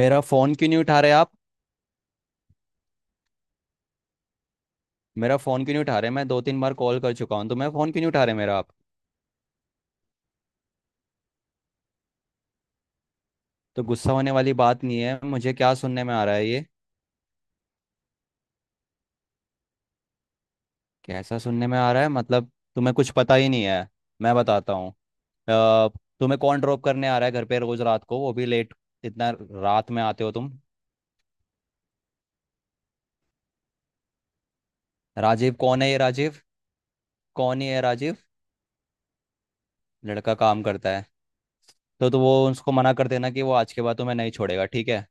मेरा फोन क्यों नहीं उठा रहे आप। मेरा फोन क्यों नहीं उठा रहे, मैं 2 3 बार कॉल कर चुका हूँ, तो मैं फोन क्यों नहीं उठा रहे मेरा आप। तो गुस्सा होने वाली बात नहीं है, मुझे क्या सुनने में आ रहा है ये। कैसा सुनने में आ रहा है मतलब, तुम्हें कुछ पता ही नहीं है। मैं बताता हूँ। अ, तुम्हें कौन ड्रॉप करने आ रहा है घर पे रोज रात को, वो भी लेट। इतना रात में आते हो तुम। राजीव कौन है ये राजीव। कौन ही है राजीव। लड़का काम करता है। तो वो उसको मना कर देना कि वो आज के बाद तुम्हें नहीं छोड़ेगा, ठीक है।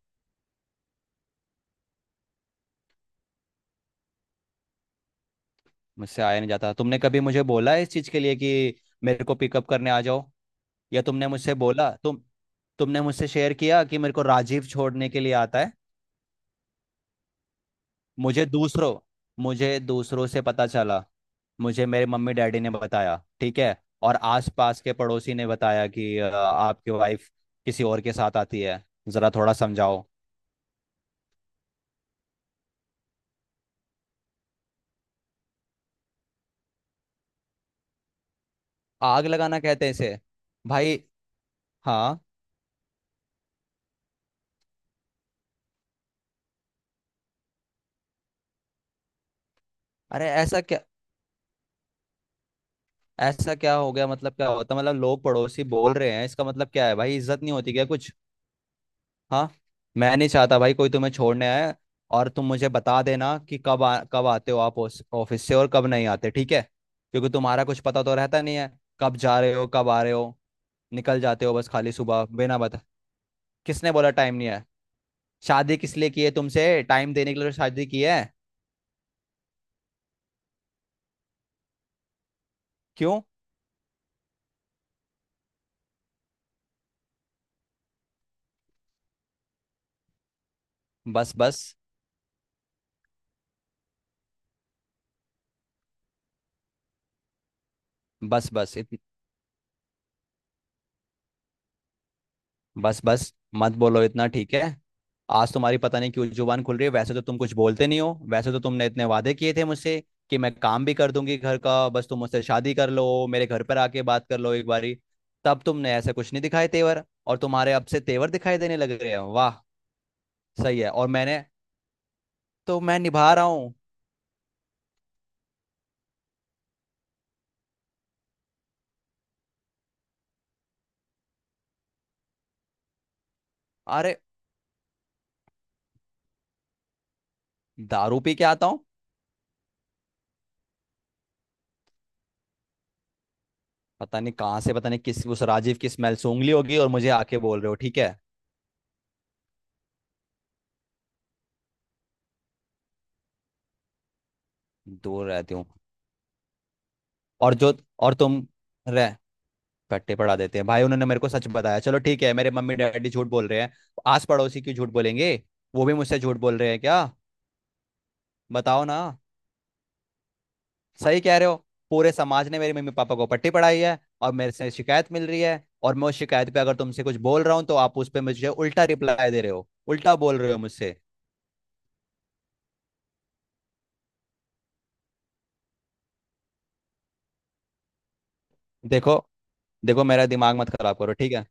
मुझसे आया नहीं जाता, तुमने कभी मुझे बोला है इस चीज़ के लिए कि मेरे को पिकअप करने आ जाओ। या तुमने मुझसे बोला तुम, तुमने मुझसे शेयर किया कि मेरे को राजीव छोड़ने के लिए आता है। मुझे दूसरों मुझे दूसरों से पता चला। मुझे मेरे मम्मी डैडी ने बताया, ठीक है। और आसपास के पड़ोसी ने बताया कि आपकी वाइफ किसी और के साथ आती है। जरा थोड़ा समझाओ। आग लगाना कहते हैं इसे भाई। हाँ। अरे ऐसा क्या, ऐसा क्या हो गया मतलब, क्या होता मतलब, लोग पड़ोसी बोल रहे हैं, इसका मतलब क्या है भाई, इज्जत नहीं होती क्या कुछ। हाँ। मैं नहीं चाहता भाई कोई तुम्हें छोड़ने आए। और तुम मुझे बता देना कि कब आते हो आप उस ऑफिस से और कब नहीं आते, ठीक है। क्योंकि तुम्हारा कुछ पता तो रहता नहीं है कब जा रहे हो कब आ रहे हो। निकल जाते हो बस खाली सुबह बिना बता। किसने बोला टाइम नहीं है। शादी किस लिए की है तुमसे? टाइम देने के लिए तो शादी की है। क्यों? बस बस। बस बस इत, बस बस मत बोलो इतना, ठीक है। आज तुम्हारी पता नहीं क्यों जुबान खुल रही है, वैसे तो तुम कुछ बोलते नहीं हो। वैसे तो तुमने इतने वादे किए थे मुझसे कि मैं काम भी कर दूंगी घर का, बस तुम मुझसे शादी कर लो, मेरे घर पर आके बात कर लो एक बारी। तब तुमने ऐसा कुछ नहीं दिखाए तेवर और तुम्हारे अब से तेवर दिखाई देने लग रहे हैं, वाह। सही है। और मैंने, तो मैं निभा रहा हूँ। अरे दारू पी के आता हूँ? पता नहीं कहाँ से, पता नहीं किस उस राजीव की स्मेल सूंघ ली होगी और मुझे आके बोल रहे हो, ठीक है। दूर रहती हूँ। और जो और तुम रह पट्टे पढ़ा देते हैं भाई, उन्होंने मेरे को सच बताया। चलो ठीक है, मेरे मम्मी डैडी झूठ बोल रहे हैं, आस पड़ोसी क्यों झूठ बोलेंगे? वो भी मुझसे झूठ बोल रहे हैं क्या? बताओ ना। सही कह रहे हो, पूरे समाज ने मेरे मम्मी पापा को पट्टी पढ़ाई है और मेरे से शिकायत मिल रही है। और मैं उस शिकायत पे अगर तुमसे कुछ बोल रहा हूँ तो आप उस पे मुझे उल्टा रिप्लाई दे रहे हो, उल्टा बोल रहे हो मुझसे। देखो, देखो मेरा दिमाग मत खराब करो, ठीक है।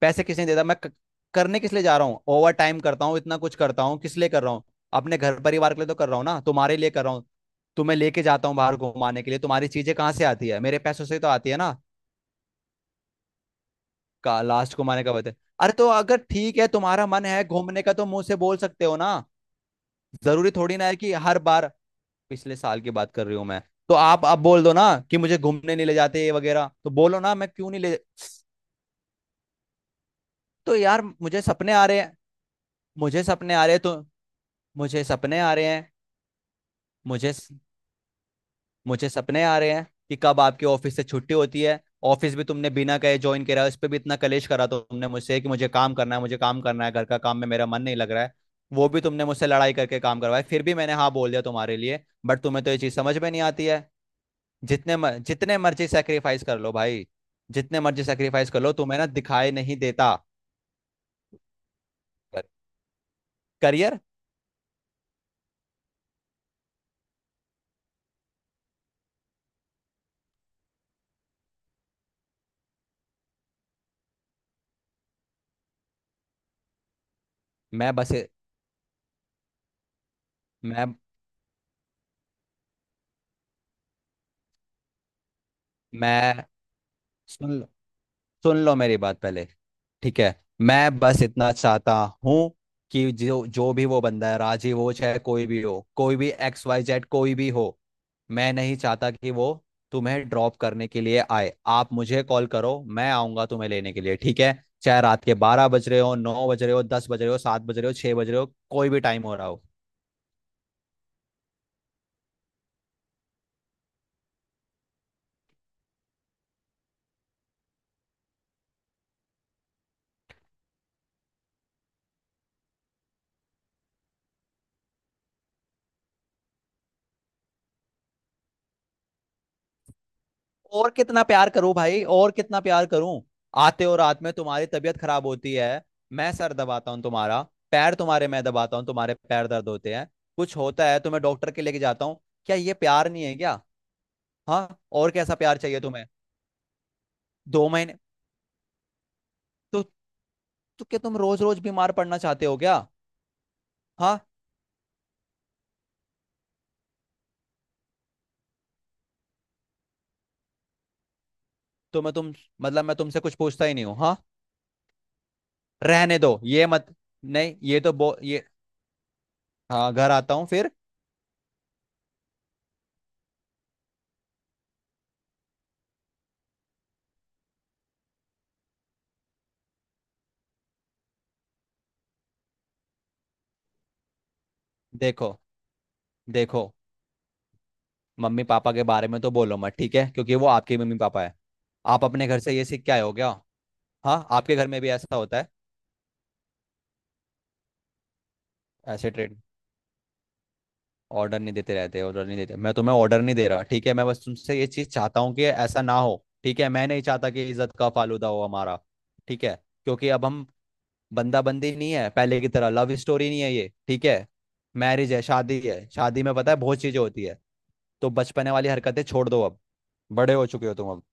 पैसे किस लिए देता मैं क- करने किस लिए जा रहा हूँ? ओवर टाइम करता हूँ, इतना कुछ करता हूँ, किस लिए कर रहा हूँ? अपने घर परिवार के लिए तो कर रहा हूँ ना, तुम्हारे लिए कर रहा हूँ। तुम्हें लेके जाता हूँ बाहर घुमाने के लिए, तुम्हारी चीजें कहाँ से आती है? मेरे पैसों से ही तो आती है ना। का लास्ट घुमाने का बता। अरे तो अगर ठीक है तुम्हारा मन है घूमने का तो मुंह से बोल सकते हो ना। जरूरी थोड़ी ना है कि हर बार पिछले साल की बात कर रही हूँ मैं। तो आप अब बोल दो ना कि मुझे घूमने नहीं ले जाते ये वगैरह, तो बोलो ना। मैं क्यों नहीं ले। तो यार मुझे सपने आ रहे हैं, मुझे सपने आ रहे हैं तो, मुझे सपने आ रहे हैं। मुझे मुझे सपने आ रहे हैं कि कब आपके ऑफिस से छुट्टी होती है। ऑफिस भी तुमने बिना कहे ज्वाइन करा, उस पर भी इतना कलेश करा तुमने मुझसे कि मुझे काम करना है, मुझे काम करना है, घर का काम में मेरा मन नहीं लग रहा है। वो भी तुमने मुझसे लड़ाई करके काम करवाया, फिर भी मैंने हाँ बोल दिया तुम्हारे लिए, बट तुम्हें तो ये चीज़ समझ में नहीं आती है। जितने मर्जी सेक्रीफाइस कर लो भाई, जितने मर्जी सेक्रीफाइस कर लो, तुम्हें ना दिखाई नहीं देता। करियर। मैं बस मैं मैं सुन लो, सुन लो मेरी बात पहले, ठीक है। मैं बस इतना चाहता हूँ कि जो, जो भी वो बंदा है राजीव हो चाहे, कोई भी हो, कोई भी एक्स वाई जेड कोई भी हो। मैं नहीं चाहता कि वो तुम्हें ड्रॉप करने के लिए आए। आप मुझे कॉल करो, मैं आऊंगा तुम्हें लेने के लिए, ठीक है। चाहे रात के 12 बज रहे हो, 9 बज रहे हो, 10 बज रहे हो, 7 बज रहे हो, 6 बज रहे हो, कोई भी टाइम हो रहा हो। और कितना प्यार करूं भाई, और कितना प्यार करूं। आते हो रात में तुम्हारी तबीयत खराब होती है, मैं सर दबाता हूँ तुम्हारा, पैर तुम्हारे मैं दबाता हूँ, तुम्हारे पैर दर्द होते हैं, कुछ होता है तुम्हें डॉक्टर के लेके जाता हूँ। क्या ये प्यार नहीं है क्या? हाँ, और कैसा प्यार चाहिए तुम्हें? 2 महीने। तो, तो क्या तुम रोज रोज बीमार पड़ना चाहते हो क्या? हाँ। तो मैं तुम मतलब मैं तुमसे कुछ पूछता ही नहीं हूँ हाँ? रहने दो ये मत। नहीं ये तो बो ये। हाँ घर आता हूँ फिर। देखो, देखो मम्मी पापा के बारे में तो बोलो मत, ठीक है, क्योंकि वो आपके मम्मी पापा है। आप अपने घर से ये सीख के आए हो क्या? हाँ, आपके घर में भी ऐसा होता है? ऐसे ट्रेड। ऑर्डर नहीं देते रहते, ऑर्डर नहीं देते, मैं तुम्हें ऑर्डर नहीं दे रहा, ठीक है। मैं बस तुमसे ये चीज़ चाहता हूँ कि ऐसा ना हो, ठीक है। मैं नहीं चाहता कि इज्जत का फालूदा हो हमारा, ठीक है। क्योंकि अब हम बंदा बंदी नहीं है पहले की तरह, लव स्टोरी नहीं है ये, ठीक है। मैरिज है, शादी है, शादी में पता है बहुत चीज़ें होती है। तो बचपने वाली हरकतें छोड़ दो अब, बड़े हो चुके हो तुम अब।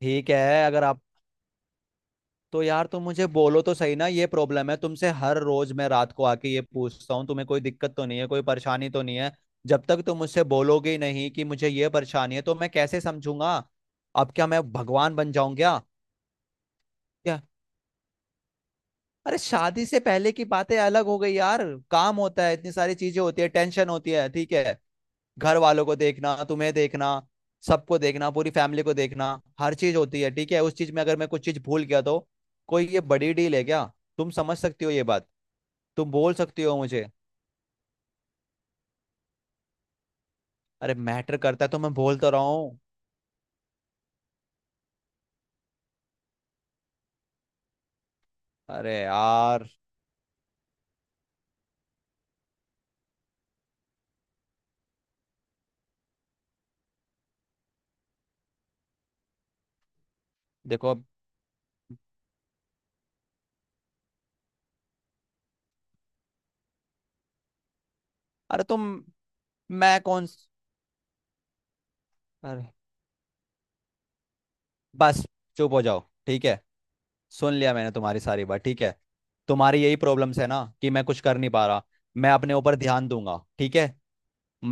ठीक है अगर आप, तो यार तुम मुझे बोलो तो सही ना ये प्रॉब्लम है तुमसे। हर रोज मैं रात को आके ये पूछता हूँ तुम्हें कोई दिक्कत तो नहीं है, कोई परेशानी तो नहीं है। जब तक तुम मुझसे बोलोगे ही नहीं कि मुझे ये परेशानी है तो मैं कैसे समझूंगा? अब क्या मैं भगवान बन जाऊं क्या? क्या? अरे शादी से पहले की बातें अलग हो गई यार। काम होता है, इतनी सारी चीजें होती है, टेंशन होती है, ठीक है। घर वालों को देखना, तुम्हें देखना, सबको देखना, पूरी फैमिली को देखना, हर चीज होती है, ठीक है। उस चीज में अगर मैं कुछ चीज भूल गया तो कोई ये बड़ी डील है क्या? तुम समझ सकती हो ये बात, तुम बोल सकती हो मुझे। अरे मैटर करता है तो मैं बोल तो रहा हूँ। अरे यार। देखो। अरे तुम मैं कौन? अरे बस, चुप हो जाओ, ठीक है। सुन लिया मैंने तुम्हारी सारी बात, ठीक है। तुम्हारी यही प्रॉब्लम्स है ना कि मैं कुछ कर नहीं पा रहा। मैं अपने ऊपर ध्यान दूंगा, ठीक है।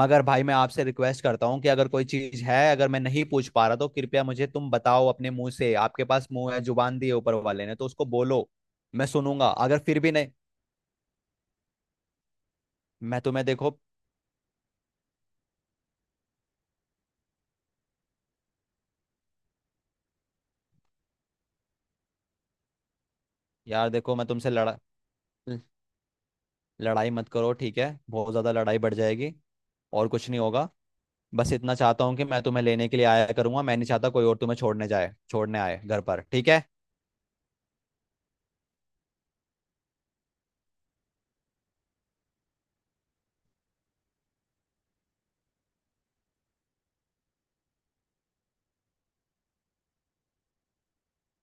मगर भाई मैं आपसे रिक्वेस्ट करता हूँ कि अगर कोई चीज है, अगर मैं नहीं पूछ पा रहा तो कृपया मुझे तुम बताओ अपने मुंह से। आपके पास मुंह है, जुबान दी है ऊपर वाले ने, तो उसको बोलो। मैं सुनूंगा, अगर फिर भी नहीं। मैं तुम्हें देखो यार देखो मैं तुमसे लड़ा लड़ाई मत करो, ठीक है, बहुत ज्यादा लड़ाई बढ़ जाएगी और कुछ नहीं होगा। बस इतना चाहता हूँ कि मैं तुम्हें लेने के लिए आया करूंगा, मैं नहीं चाहता कोई और तुम्हें छोड़ने जाए, छोड़ने आए घर पर, ठीक है।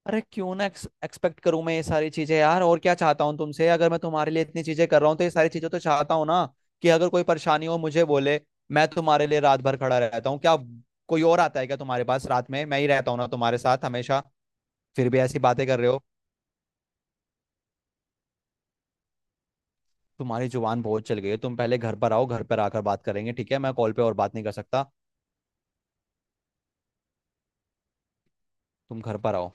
अरे क्यों ना एक्सपेक्ट करूं मैं ये सारी चीजें यार, और क्या चाहता हूँ तुमसे? अगर मैं तुम्हारे लिए इतनी चीजें कर रहा हूँ तो ये सारी चीजें तो चाहता हूँ ना कि अगर कोई परेशानी हो मुझे बोले। मैं तुम्हारे लिए रात भर खड़ा रहता हूँ क्या? कोई और आता है क्या तुम्हारे पास रात में? मैं ही रहता हूँ ना तुम्हारे साथ हमेशा, फिर भी ऐसी बातें कर रहे हो। तुम्हारी जुबान बहुत चल गई है, तुम पहले घर पर आओ, घर पर आकर बात करेंगे, ठीक है, मैं कॉल पे और बात नहीं कर सकता। तुम घर पर आओ।